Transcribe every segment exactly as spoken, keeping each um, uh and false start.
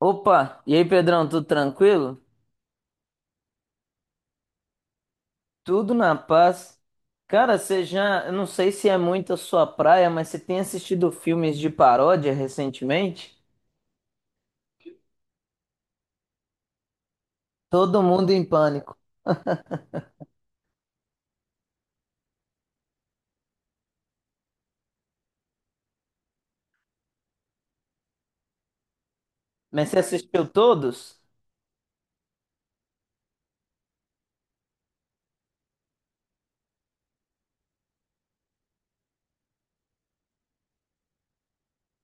Opa, e aí Pedrão, tudo tranquilo? Tudo na paz. Cara, você já, eu não sei se é muito a sua praia, mas você tem assistido filmes de paródia recentemente? Todo mundo em pânico. Mas você assistiu todos?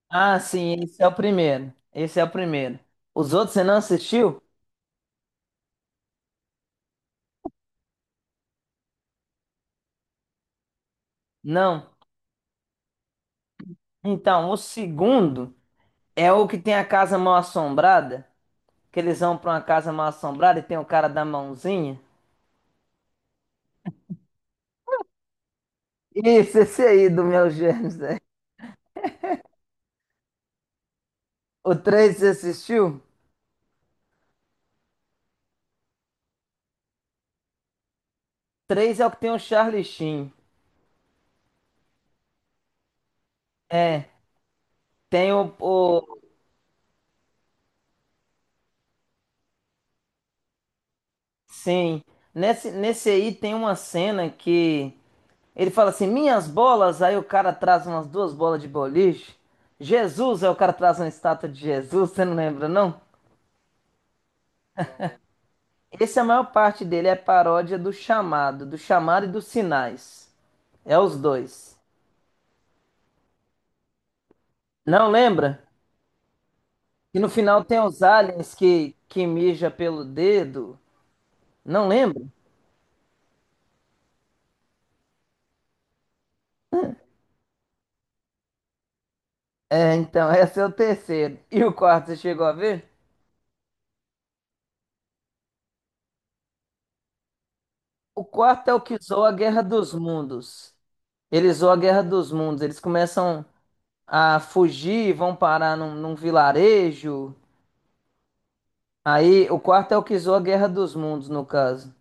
Ah, sim, esse é o primeiro. Esse é o primeiro. Os outros você não assistiu? Não. Então, o segundo é o que tem a casa mal assombrada, que eles vão pra uma casa mal assombrada e tem o cara da mãozinha. Isso, esse aí do meu gênio. O três você assistiu? Três é o que tem o Charlie Sheen. É, tem o, o- sim. Nesse, nesse aí tem uma cena que ele fala assim: "Minhas bolas", aí o cara traz umas duas bolas de boliche. Jesus, aí o cara traz uma estátua de Jesus, você não lembra não? Esse, é a maior parte dele é paródia do chamado, do chamado e dos sinais. É os dois. Não lembra? E no final tem os aliens que que mija pelo dedo. Não lembra? É, então, esse é o terceiro. E o quarto, você chegou a ver? O quarto é o que zoa a Guerra dos Mundos. Eles zoam a Guerra dos Mundos. Eles começam a fugir, vão parar num, num vilarejo. Aí, o quarto é o que zoa a Guerra dos Mundos, no caso.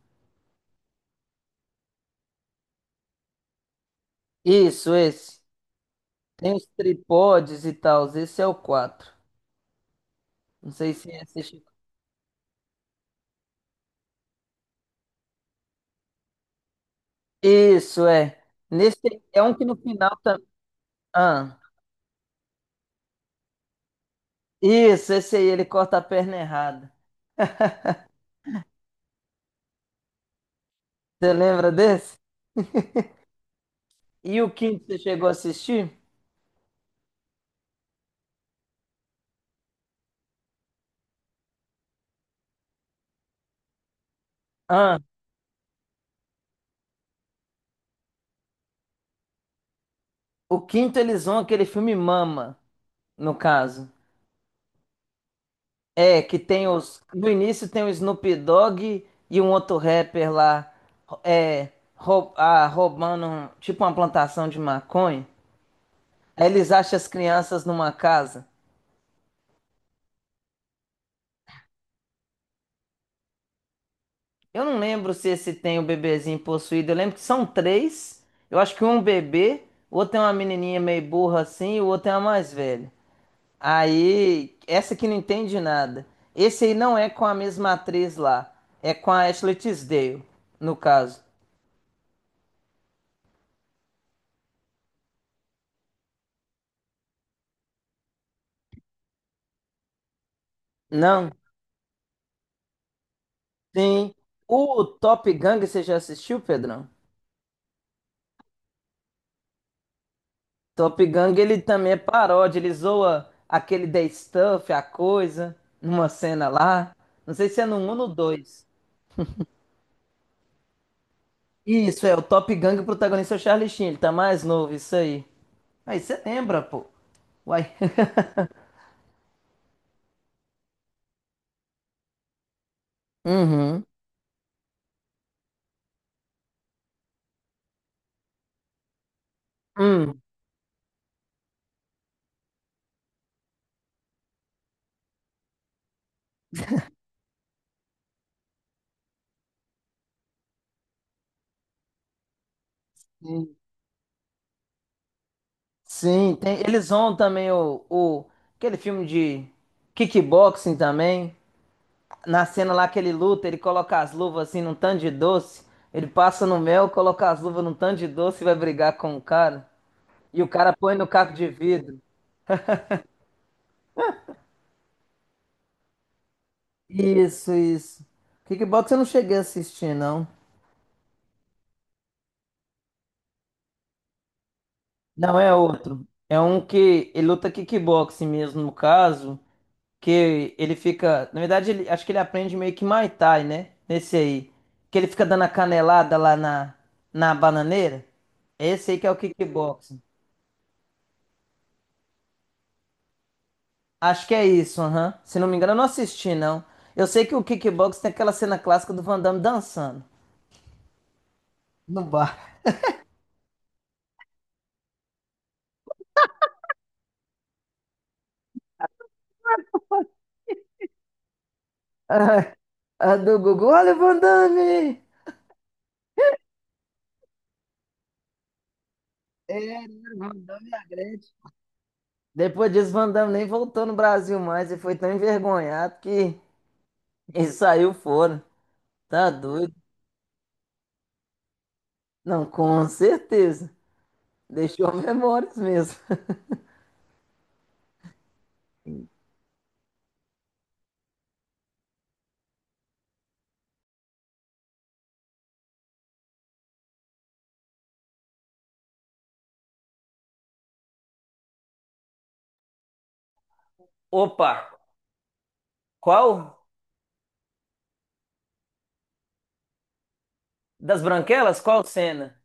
Isso, esse. Tem os tripodes e tal. Esse é o quatro. Não sei se é esse. chegou- Isso, é. Nesse é um que no final também. Ah, isso, esse aí, ele corta a perna errada. Você lembra desse? E o quinto você chegou a assistir? Ah, o quinto eles vão aquele filme Mama, no caso. É, que tem os. No início tem o Snoop Dogg e um outro rapper lá. É. rou- ah, roubando um- tipo uma plantação de maconha. Aí eles acham as crianças numa casa. Eu não lembro se esse tem o bebezinho possuído. Eu lembro que são três. Eu acho que um é um bebê, o outro é uma menininha meio burra assim, e o outro é uma mais velha. Aí, essa que não entende nada. Esse aí não é com a mesma atriz lá. É com a Ashley Tisdale, no caso. Não, sim. O Top Gun, você já assistiu, Pedrão? Top Gun, ele também é paródia. Ele zoa aquele The Stuff, a coisa, numa cena lá. Não sei se é no um ou no dois. Isso, é o Top Gun, o protagonista é o Charlie Sheen. Ele tá mais novo, isso aí. Aí você lembra, pô. Uai. Uhum. Hum. Sim, tem, eles vão também o, o aquele filme de kickboxing também. Na cena lá que ele luta, ele coloca as luvas assim num tanto de doce. Ele passa no mel, coloca as luvas num tanto de doce e vai brigar com o cara. E o cara põe no caco de vidro. Isso, isso. Kickboxing eu não cheguei a assistir, não. Não, é outro. É um que ele luta kickboxing mesmo, no caso. Que ele fica. Na verdade, ele, acho que ele aprende meio que Muay Thai, né? Nesse aí. Que ele fica dando a canelada lá na, na bananeira. Esse aí que é o kickboxing. Acho que é isso, aham. Se não me engano, eu não assisti, não. Eu sei que o kickboxing tem aquela cena clássica do Van Damme dançando. No bar. Ah, a do Gugu, olha o Van Damme! É, Van Damme e a Gretchen. Depois disso, Van Damme nem voltou no Brasil mais e foi tão envergonhado que ele saiu fora. Tá doido. Não, com certeza. Deixou memórias mesmo. Opa, qual das branquelas? Qual cena?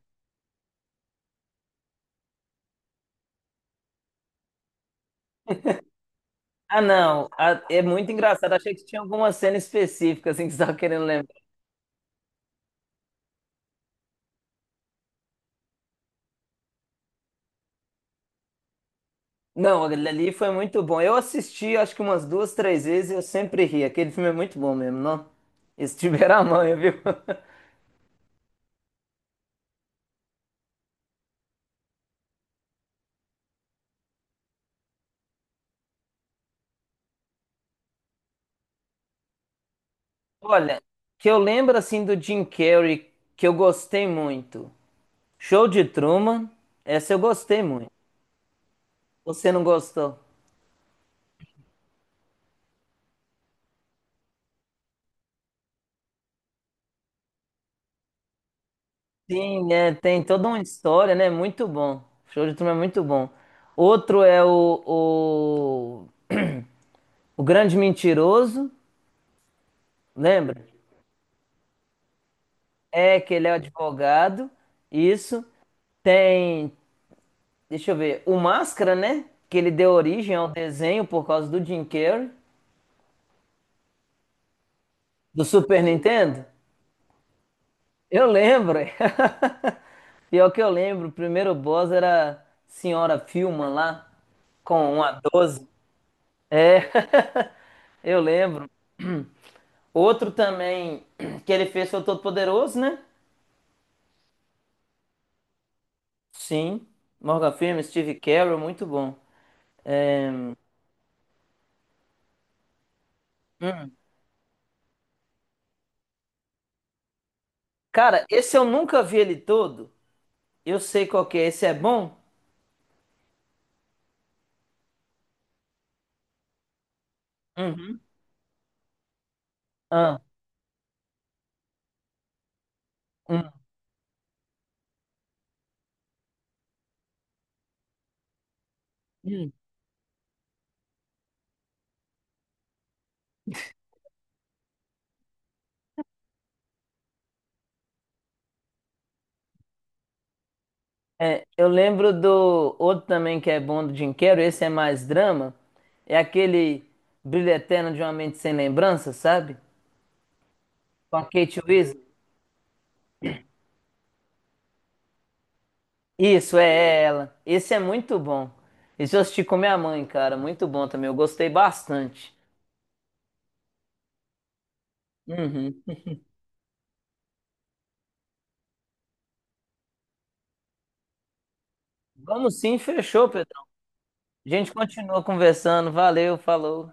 Ah, não, a- é muito engraçado. Achei que tinha alguma cena específica assim que você estava querendo lembrar. Não, aquele ali foi muito bom. Eu assisti, acho que umas duas, três vezes e eu sempre ri. Aquele filme é muito bom mesmo, não? Esse tiver a manha, viu? Olha, que eu lembro assim do Jim Carrey que eu gostei muito. Show de Truman, essa eu gostei muito. Você não gostou? Sim, é, tem toda uma história, né? Muito bom. O show de Truman é muito bom. Outro é o, o, o Grande Mentiroso, lembra? É que ele é advogado, isso. Tem, deixa eu ver, o Máscara, né? Que ele deu origem ao desenho por causa do Jim Carrey, do Super Nintendo. Eu lembro. Pior que eu lembro, o primeiro boss era Senhora Filma lá, com um a doze. É, eu lembro. Outro também que ele fez foi o Todo-Poderoso, né? Sim. Morgan Freeman, Steve Carell, muito bom. Cara, esse eu nunca vi ele todo. Eu sei qual que é. Esse é bom? Uhum. Ah, hum. Hum. É, eu lembro do outro também que é bom do Jim Carrey. Esse é mais drama. É aquele Brilho Eterno de uma Mente Sem Lembrança, sabe? Com a Kate Winslet. Isso, é ela. Esse é muito bom. Esse eu assisti com minha mãe, cara. Muito bom também. Eu gostei bastante. Uhum. Vamos sim, fechou, Pedrão. A gente continua conversando. Valeu, falou.